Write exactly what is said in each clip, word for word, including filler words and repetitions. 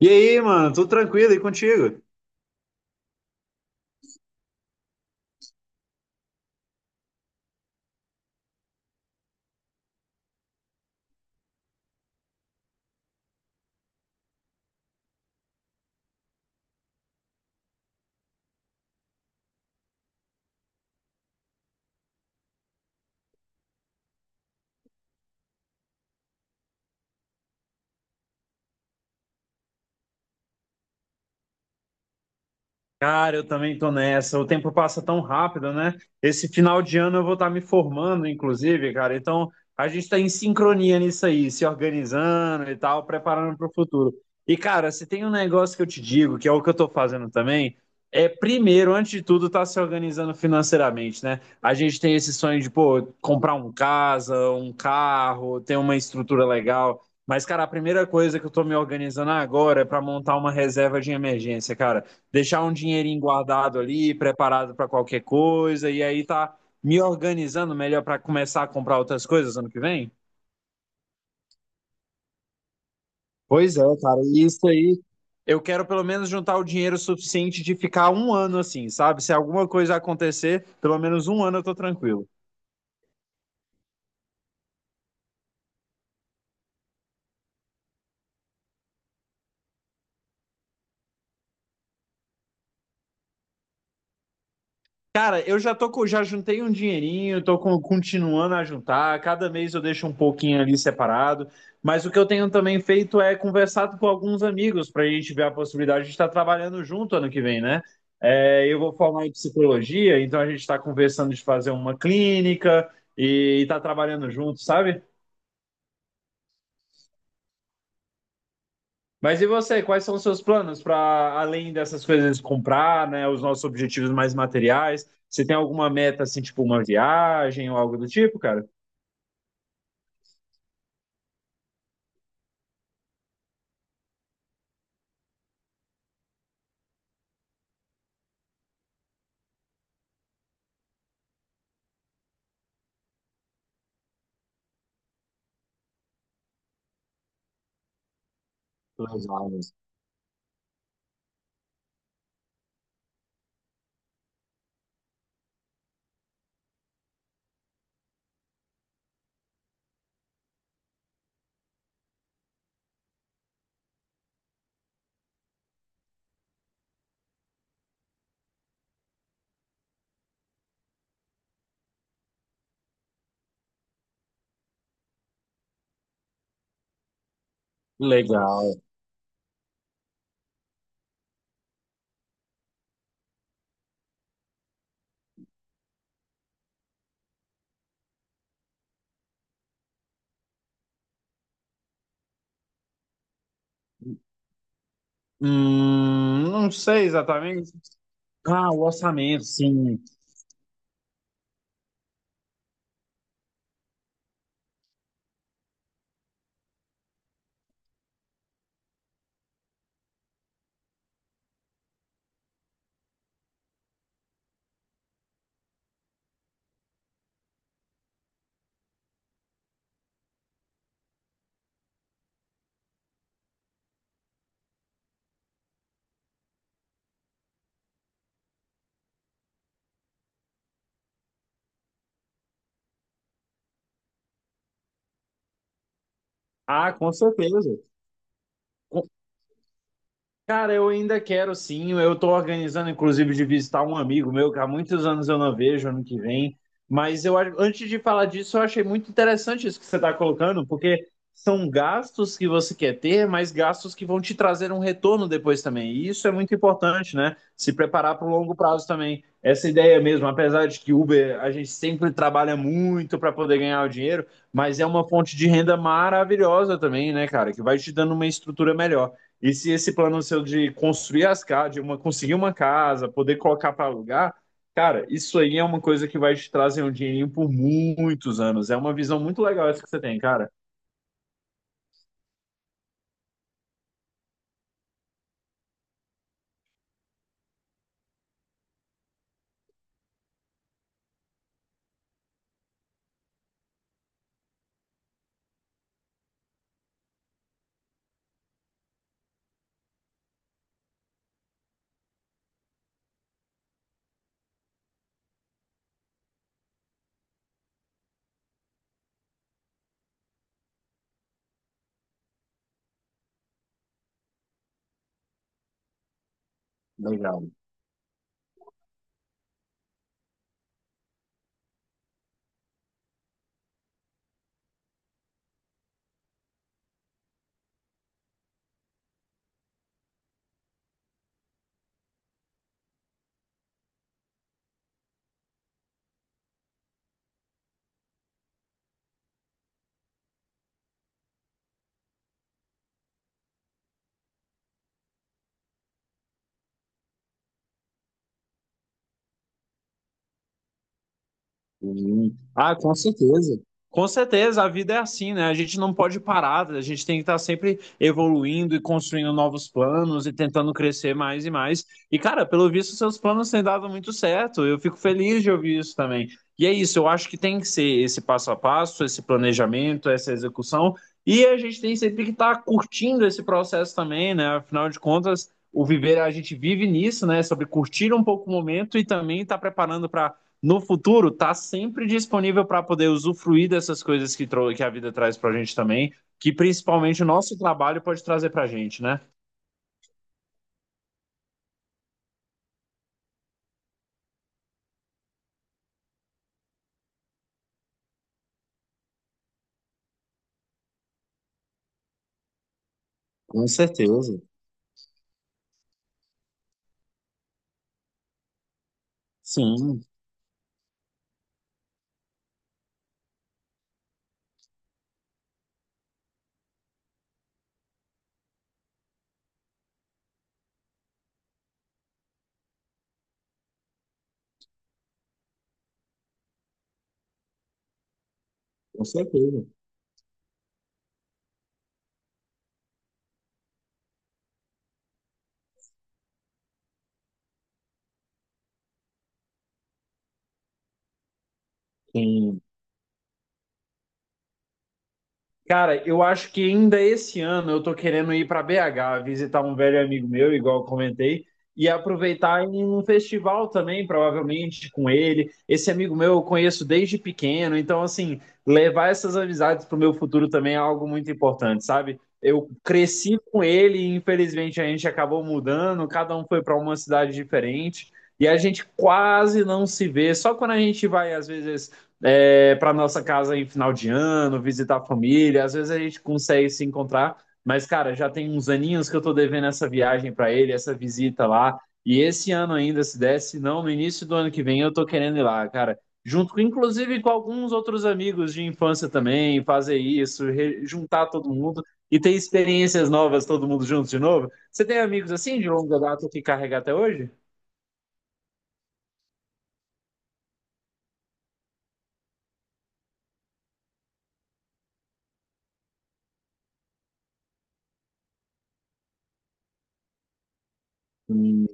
E aí, mano, tudo tranquilo e contigo? Cara, eu também tô nessa. O tempo passa tão rápido, né? Esse final de ano eu vou estar me formando, inclusive, cara. Então, a gente tá em sincronia nisso aí, se organizando e tal, preparando para o futuro. E, cara, se tem um negócio que eu te digo, que é o que eu tô fazendo também, é primeiro, antes de tudo, tá se organizando financeiramente, né? A gente tem esse sonho de, pô, comprar um casa, um carro, ter uma estrutura legal. Mas, cara, a primeira coisa que eu tô me organizando agora é para montar uma reserva de emergência, cara, deixar um dinheirinho guardado ali, preparado para qualquer coisa, e aí tá me organizando melhor para começar a comprar outras coisas ano que vem. Pois é, cara, e isso aí. Eu quero pelo menos juntar o dinheiro suficiente de ficar um ano assim, sabe? Se alguma coisa acontecer, pelo menos um ano eu tô tranquilo. Cara, eu já tô com, já juntei um dinheirinho, tô com- continuando a juntar. Cada mês eu deixo um pouquinho ali separado. Mas o que eu tenho também feito é conversado com alguns amigos para a gente ver a possibilidade de estar trabalhando junto ano que vem, né? É, eu vou formar em psicologia, então a gente está conversando de fazer uma clínica e estar trabalhando junto, sabe? Mas e você, quais são os seus planos para além dessas coisas de comprar, né? Os nossos objetivos mais materiais? Você tem alguma meta assim, tipo uma viagem ou algo do tipo, cara? Legal, legal. Hum, não sei exatamente. Ah, o orçamento, sim. Ah, com certeza. Cara, eu ainda quero sim. Eu estou organizando, inclusive, de visitar um amigo meu que há muitos anos eu não vejo, ano que vem. Mas eu, a- antes de falar disso, eu achei muito interessante isso que você está colocando, porque são gastos que você quer ter, mas gastos que vão te trazer um retorno depois também. E isso é muito importante, né? Se preparar para o longo prazo também. Essa ideia mesmo, apesar de que Uber a gente sempre trabalha muito para poder ganhar o dinheiro, mas é uma fonte de renda maravilhosa também, né, cara? Que vai te dando uma estrutura melhor. E se esse plano seu de construir as casas, de uma, conseguir uma casa, poder colocar para alugar, cara, isso aí é uma coisa que vai te trazer um dinheirinho por muitos anos. É uma visão muito legal essa que você tem, cara. Legal. Sim. Ah, com certeza. Com certeza, a vida é assim, né? A gente não pode parar, a gente tem que estar sempre evoluindo e construindo novos planos e tentando crescer mais e mais. E, cara, pelo visto, seus planos têm dado muito certo. Eu fico feliz de ouvir isso também. E é isso, eu acho que tem que ser esse passo a passo, esse planejamento, essa execução. E a gente tem sempre que estar curtindo esse processo também, né? Afinal de contas, o viver, a gente vive nisso, né? Sobre curtir um pouco o momento e também estar preparando para no futuro tá sempre disponível para poder usufruir dessas coisas que, tro- que a vida traz para a gente também, que principalmente o nosso trabalho pode trazer para a gente, né? Com certeza. Sim, com certeza. Tem. Cara, eu acho que ainda esse ano eu tô querendo ir para B H, visitar um velho amigo meu, igual eu comentei, e aproveitar em um festival também, provavelmente com ele. Esse amigo meu eu conheço desde pequeno, então assim, levar essas amizades pro meu futuro também é algo muito importante, sabe? Eu cresci com ele e infelizmente a gente acabou mudando, cada um foi para uma cidade diferente, e a gente quase não se vê, só quando a gente vai às vezes é, para nossa casa em final de ano, visitar a família. Às vezes a gente consegue se encontrar, mas, cara, já tem uns aninhos que eu tô devendo essa viagem para ele, essa visita lá. E esse ano ainda, se desse, não, no início do ano que vem eu tô querendo ir lá, cara. Junto, com- inclusive, com alguns outros amigos de infância também, fazer isso, re- juntar todo mundo e ter experiências novas, todo mundo junto de novo. Você tem amigos assim de longa data que carrega até hoje? Hum,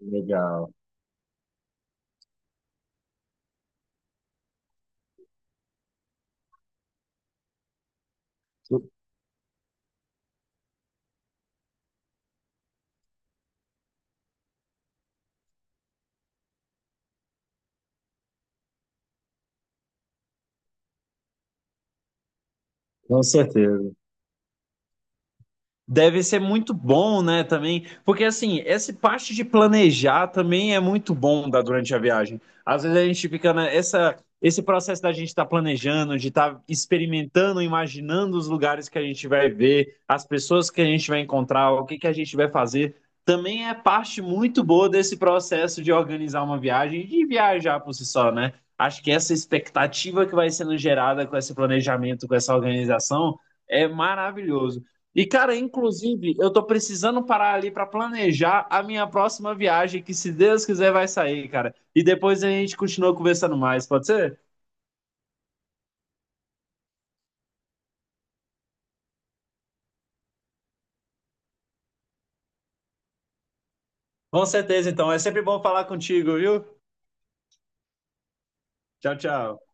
legal. Com certeza. Deve ser muito bom, né, também, porque assim, essa parte de planejar também é muito bom da, durante a viagem. Às vezes a gente fica nessa, esse processo da gente estar planejando, de estar experimentando, imaginando os lugares que a gente vai ver, as pessoas que a gente vai encontrar, o que que a gente vai fazer, também é parte muito boa desse processo de organizar uma viagem e de viajar por si só, né? Acho que essa expectativa que vai sendo gerada com esse planejamento, com essa organização, é maravilhoso. E, cara, inclusive, eu tô precisando parar ali pra planejar a minha próxima viagem, que se Deus quiser vai sair, cara. E depois a gente continua conversando mais, pode ser? Com certeza, então. É sempre bom falar contigo, viu? Tchau, tchau.